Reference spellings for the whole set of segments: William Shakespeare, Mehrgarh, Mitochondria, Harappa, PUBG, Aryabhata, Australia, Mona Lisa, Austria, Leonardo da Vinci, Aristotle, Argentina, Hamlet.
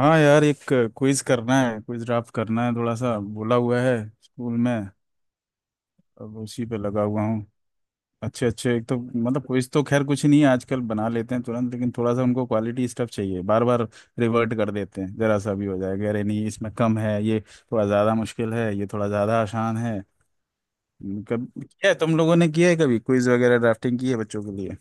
हाँ यार एक क्विज करना है। क्विज ड्राफ्ट करना है, थोड़ा सा बोला हुआ है स्कूल में। अब उसी पे लगा हुआ हूँ। अच्छे अच्छे, एक तो क्विज तो खैर कुछ नहीं है, आजकल बना लेते हैं तुरंत, लेकिन थोड़ा सा उनको क्वालिटी स्टफ चाहिए। बार बार रिवर्ट कर देते हैं, जरा सा भी हो जाएगा, अरे नहीं इसमें कम है ये, थोड़ा ज़्यादा मुश्किल है ये, थोड़ा ज़्यादा आसान है। कब क्या है, तुम लोगों ने किया है कभी क्विज वगैरह ड्राफ्टिंग की है बच्चों के लिए?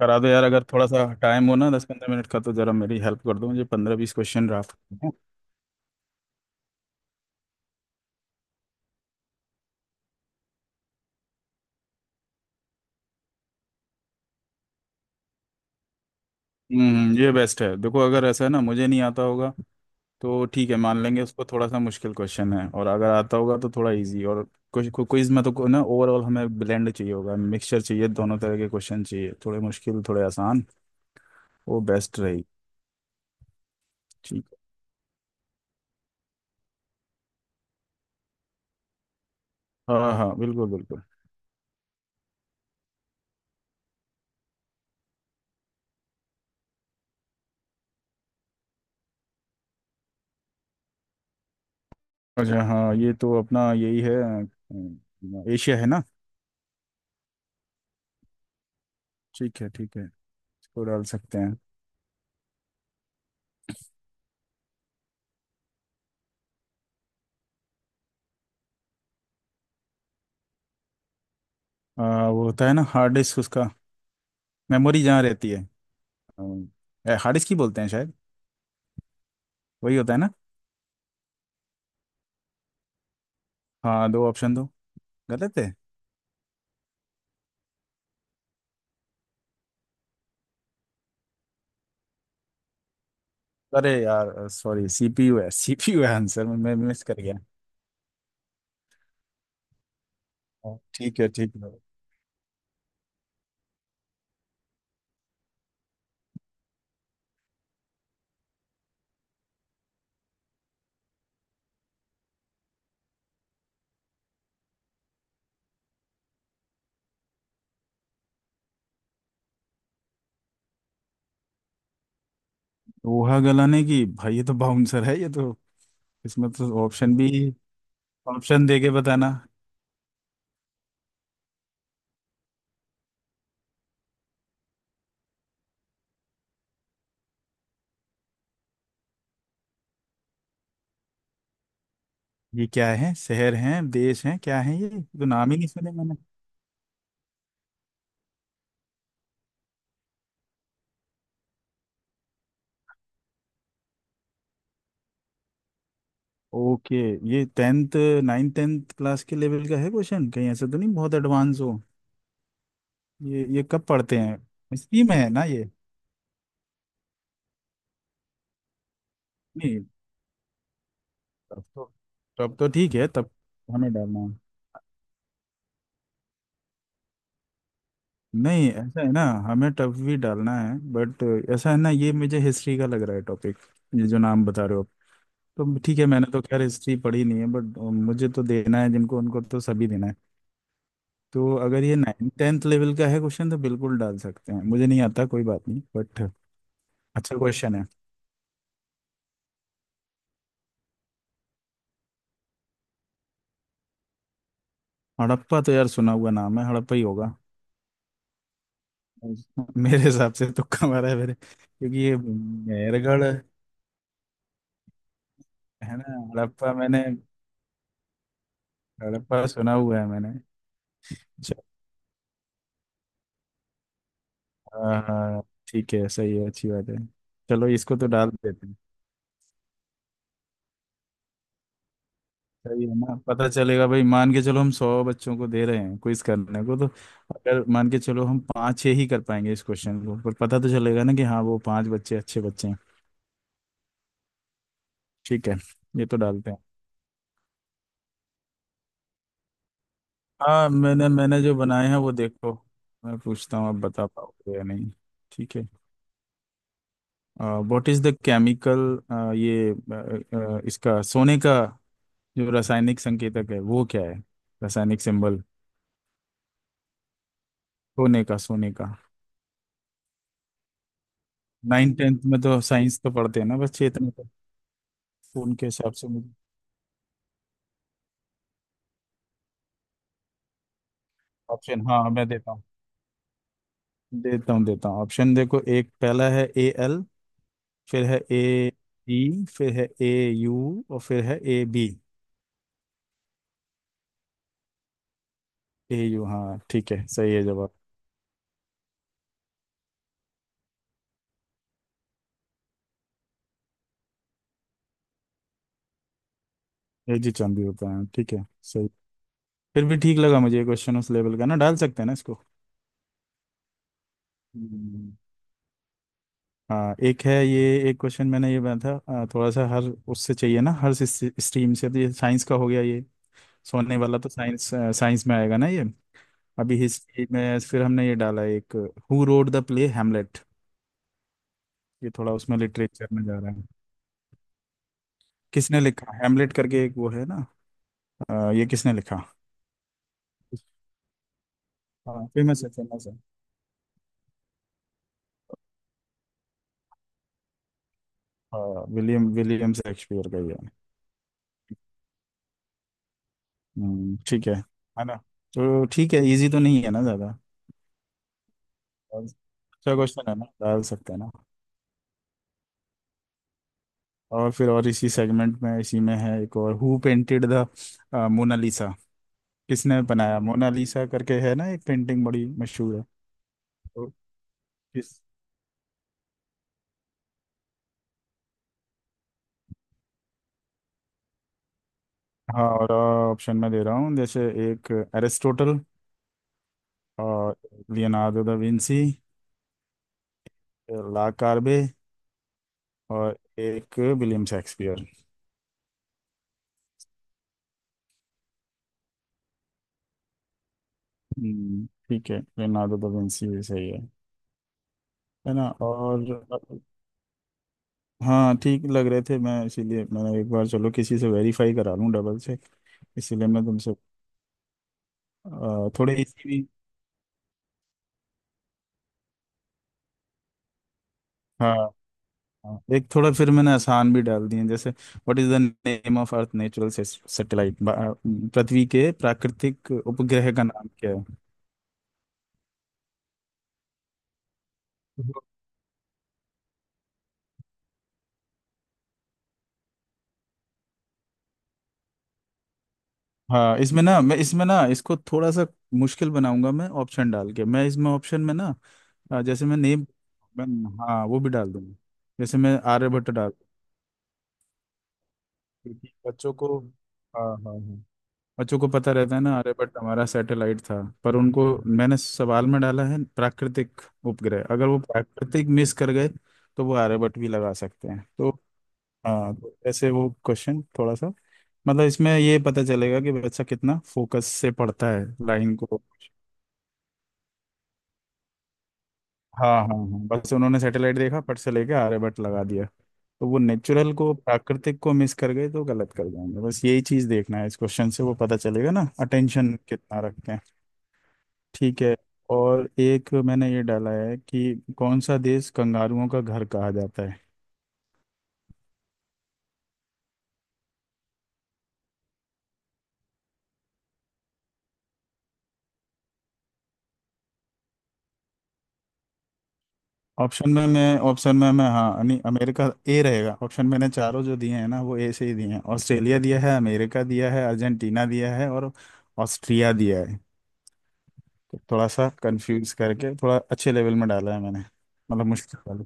करा दो यार, अगर थोड़ा सा टाइम हो ना, 10 15 मिनट का, तो जरा मेरी हेल्प कर दो, मुझे 15 20 क्वेश्चन ड्राफ्ट। हम्म, ये बेस्ट है। देखो, अगर ऐसा है ना, मुझे नहीं आता होगा तो ठीक है, मान लेंगे उसको थोड़ा सा मुश्किल क्वेश्चन है, और अगर आता होगा तो थोड़ा इजी। और कुछ क्विज में तो को- ना ओवरऑल हमें ब्लेंड चाहिए होगा, मिक्सचर चाहिए, दोनों तरह के क्वेश्चन चाहिए, थोड़े मुश्किल थोड़े आसान। वो बेस्ट रहेगी। ठीक है, हाँ हाँ, बिल्कुल बिल्कुल। अच्छा हाँ, ये तो अपना यही है, एशिया है ना। ठीक है ठीक है, इसको डाल सकते हैं। अ, वो होता है ना हार्ड डिस्क, उसका मेमोरी जहाँ रहती है। हार्ड डिस्क ही बोलते हैं शायद। वही होता है ना। हाँ, दो ऑप्शन दो। गलत है। अरे यार सॉरी, सीपीयू है, सीपीयू है आंसर, मैं मिस कर गया। हाँ, ठीक है ठीक है। लोहा गलाने की, भाई ये तो बाउंसर है ये तो। इसमें तो ऑप्शन भी, ऑप्शन दे के बताना। ये क्या है, शहर है, देश है, क्या है? ये तो नाम ही नहीं सुने मैंने। ओके, ये टेंथ, 9/10 क्लास के लेवल का है क्वेश्चन, कहीं ऐसा तो नहीं बहुत एडवांस हो? ये कब पढ़ते हैं, स्कीम है ना ये? नहीं, तब तो, तब तो ठीक है तब। हमें डालना है। नहीं, ऐसा है ना, हमें टफ भी डालना है, बट ऐसा है ना, ये मुझे हिस्ट्री का लग रहा है टॉपिक, ये जो नाम बता रहे हो आप। तो ठीक है, मैंने तो खैर हिस्ट्री पढ़ी नहीं है, बट मुझे तो देना है, जिनको उनको तो सभी देना है। तो अगर ये 9/10 लेवल का है क्वेश्चन तो बिल्कुल डाल सकते हैं, मुझे नहीं आता कोई बात नहीं, बट अच्छा क्वेश्चन है। हड़प्पा तो यार सुना हुआ नाम है, हड़प्पा ही होगा। मेरे हिसाब से तुक्का मारा है मेरे, क्योंकि ये मेहरगढ़ है ना। हड़प्पा मैंने, हड़प्पा सुना हुआ है मैंने। हाँ हाँ, ठीक है, सही है, अच्छी बात है। चलो इसको तो डाल देते हैं। सही है ना, पता चलेगा भाई। मान के चलो, हम 100 बच्चों को दे रहे हैं क्विज करने को, तो अगर मान के चलो हम 5 6 ही कर पाएंगे इस क्वेश्चन को, पर पता तो चलेगा ना कि हाँ वो 5 बच्चे अच्छे बच्चे हैं। ठीक है, ये तो डालते हैं। हाँ, मैंने मैंने जो बनाए हैं वो देखो, मैं पूछता हूँ, आप बता पाओगे या नहीं। ठीक है। व्हाट इज द केमिकल, ये अ, इसका, सोने का जो रासायनिक संकेतक है वो क्या है, रासायनिक सिंबल? सोने का, सोने का। नाइन टेंथ में तो साइंस तो पढ़ते हैं ना बच्चे इतने तो। उनके हिसाब से मुझे। ऑप्शन, हाँ मैं देता हूँ, देता हूँ ऑप्शन। देखो, एक पहला है ए एल, फिर है ए ई, फिर है ए यू, और फिर है ए बी। ए यू, हाँ ठीक है, सही है जवाब। ए जी चांद भी होता है, ठीक है। सही। फिर भी ठीक लगा मुझे ये क्वेश्चन, उस लेवल का ना, डाल सकते हैं ना इसको? हम्म। हाँ, एक है ये, एक क्वेश्चन मैंने ये बनाया था। थोड़ा सा हर, उससे चाहिए ना हर स्ट्रीम से, तो ये साइंस का हो गया ये, सोने वाला तो साइंस, साइंस में आएगा ना ये। अभी हिस्ट्री में फिर हमने ये डाला एक, who wrote the play Hamlet, ये थोड़ा उसमें लिटरेचर में जा रहा है। किसने लिखा हेमलेट करके एक वो है ना, ये किसने लिखा? हाँ, फेमस है फेमस है। हाँ, विलियम, विलियम शेक्सपियर का ही है। ठीक है ना। तो ठीक है, इजी तो नहीं है ना ज़्यादा, और अच्छा क्वेश्चन है ना, डाल सकते हैं ना? और फिर और इसी सेगमेंट में इसी में है एक और, हु पेंटेड द मोनालिसा, किसने बनाया मोनालिसा करके है ना एक पेंटिंग बड़ी मशहूर है। तो किस? हाँ, और ऑप्शन में दे रहा हूँ, जैसे एक एरिस्टोटल, और लियोनार्डो दा विंसी, ला कार्बे, और एक विलियम शेक्सपियर। ठीक है, लियोनार्डो दा विंसी भी सही है। है ना। और हाँ ठीक लग रहे थे, मैं इसीलिए मैंने एक बार चलो किसी से वेरीफाई करा लूँ, डबल चेक। इसीलिए मैं तुमसे। थोड़े इसी भी। हाँ। हाँ। एक थोड़ा फिर मैंने आसान भी डाल दिए हैं, जैसे what is the name of earth natural satellite, पृथ्वी के प्राकृतिक उपग्रह का नाम क्या है। हाँ, इसमें ना, मैं इसमें ना, इसको थोड़ा सा मुश्किल बनाऊंगा मैं ऑप्शन डाल के। मैं इसमें ऑप्शन में ना, जैसे मैं नेम, मैं, हाँ, वो भी डाल दूंगा। जैसे मैं आर्यभट्ट डाल, क्योंकि बच्चों को, हाँ हाँ हाँ, बच्चों को पता रहता है ना, अरे बट हमारा सैटेलाइट था, पर उनको। मैंने सवाल में डाला है प्राकृतिक उपग्रह, अगर वो प्राकृतिक मिस कर गए तो वो आर्यभट्ट भी लगा सकते हैं तो। हाँ, तो ऐसे वो क्वेश्चन थोड़ा सा, इसमें ये पता चलेगा कि बच्चा कितना फोकस से पढ़ता है लाइन को। हाँ हाँ हाँ, बस उन्होंने सैटेलाइट देखा फट से लेके आर्यभट्ट लगा दिया, तो वो नेचुरल को, प्राकृतिक को मिस कर गए तो गलत कर जाएंगे, बस यही चीज देखना है। इस क्वेश्चन से वो पता चलेगा ना, अटेंशन कितना रखते हैं। ठीक है। और एक मैंने ये डाला है कि कौन सा देश कंगारुओं का घर कहा जाता है। ऑप्शन में मैं, ऑप्शन में मैं, हाँ यानी अमेरिका ए रहेगा, ऑप्शन मैंने चारों जो दिए हैं ना, वो ए से ही दिए हैं, ऑस्ट्रेलिया दिया है, अमेरिका दिया है, अर्जेंटीना दिया है, और ऑस्ट्रिया दिया है। तो थोड़ा सा कंफ्यूज करके, थोड़ा अच्छे लेवल में डाला है मैंने, मतलब मुश्किल वाले।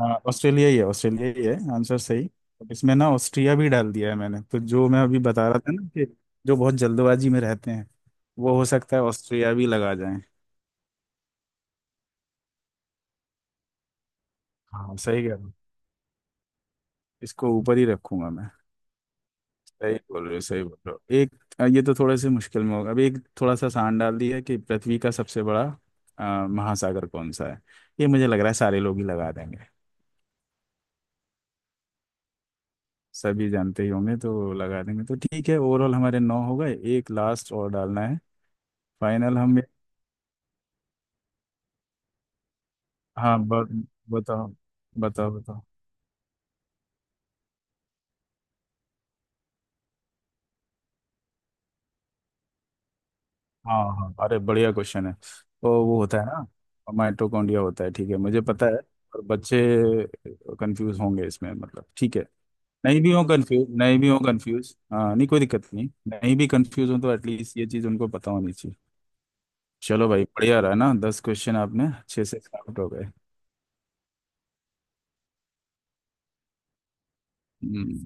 हाँ, ऑस्ट्रेलिया ही है, ऑस्ट्रेलिया ही है आंसर, सही। इसमें ना ऑस्ट्रिया भी डाल दिया है मैंने, तो जो मैं अभी बता रहा था ना कि जो बहुत जल्दबाजी में रहते हैं, वो हो सकता है ऑस्ट्रिया भी लगा जाए। हाँ सही कह रहा हूँ, इसको ऊपर ही रखूंगा मैं। सही बोल रहे हो सही बोल रहे हो। एक ये तो थोड़े से मुश्किल में होगा। अब एक थोड़ा सा आसान डाल दिया कि पृथ्वी का सबसे बड़ा महासागर कौन सा है। ये मुझे लग रहा है सारे लोग ही लगा देंगे, सभी जानते ही होंगे तो लगा देंगे, तो ठीक है, ओवरऑल हमारे 9 हो गए, एक लास्ट और डालना है। फाइनल हम, हाँ, बताओ बताओ बताओ। हाँ हाँ, अरे बढ़िया क्वेश्चन है। तो वो होता है ना, माइटोकॉन्ड्रिया होता है, ठीक है, मुझे पता है। और बच्चे कंफ्यूज होंगे इसमें, ठीक है। नहीं भी हो कंफ्यूज, नहीं भी हो कंफ्यूज, हाँ नहीं कोई दिक्कत नहीं, नहीं भी कंफ्यूज हो तो एटलीस्ट ये चीज़ उनको पता होनी चाहिए। चलो भाई, बढ़िया रहा ना, 10 क्वेश्चन आपने अच्छे से स्टार्ट हो गए। हम्म,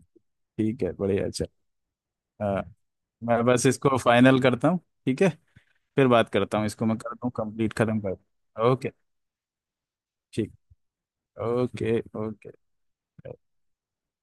ठीक है, बढ़िया, अच्छा। हाँ, मैं बस इसको फाइनल करता हूँ, ठीक है, फिर बात करता हूँ, इसको मैं करता हूँ कंप्लीट, खत्म कर, ओके। ठीक, ओके ओके।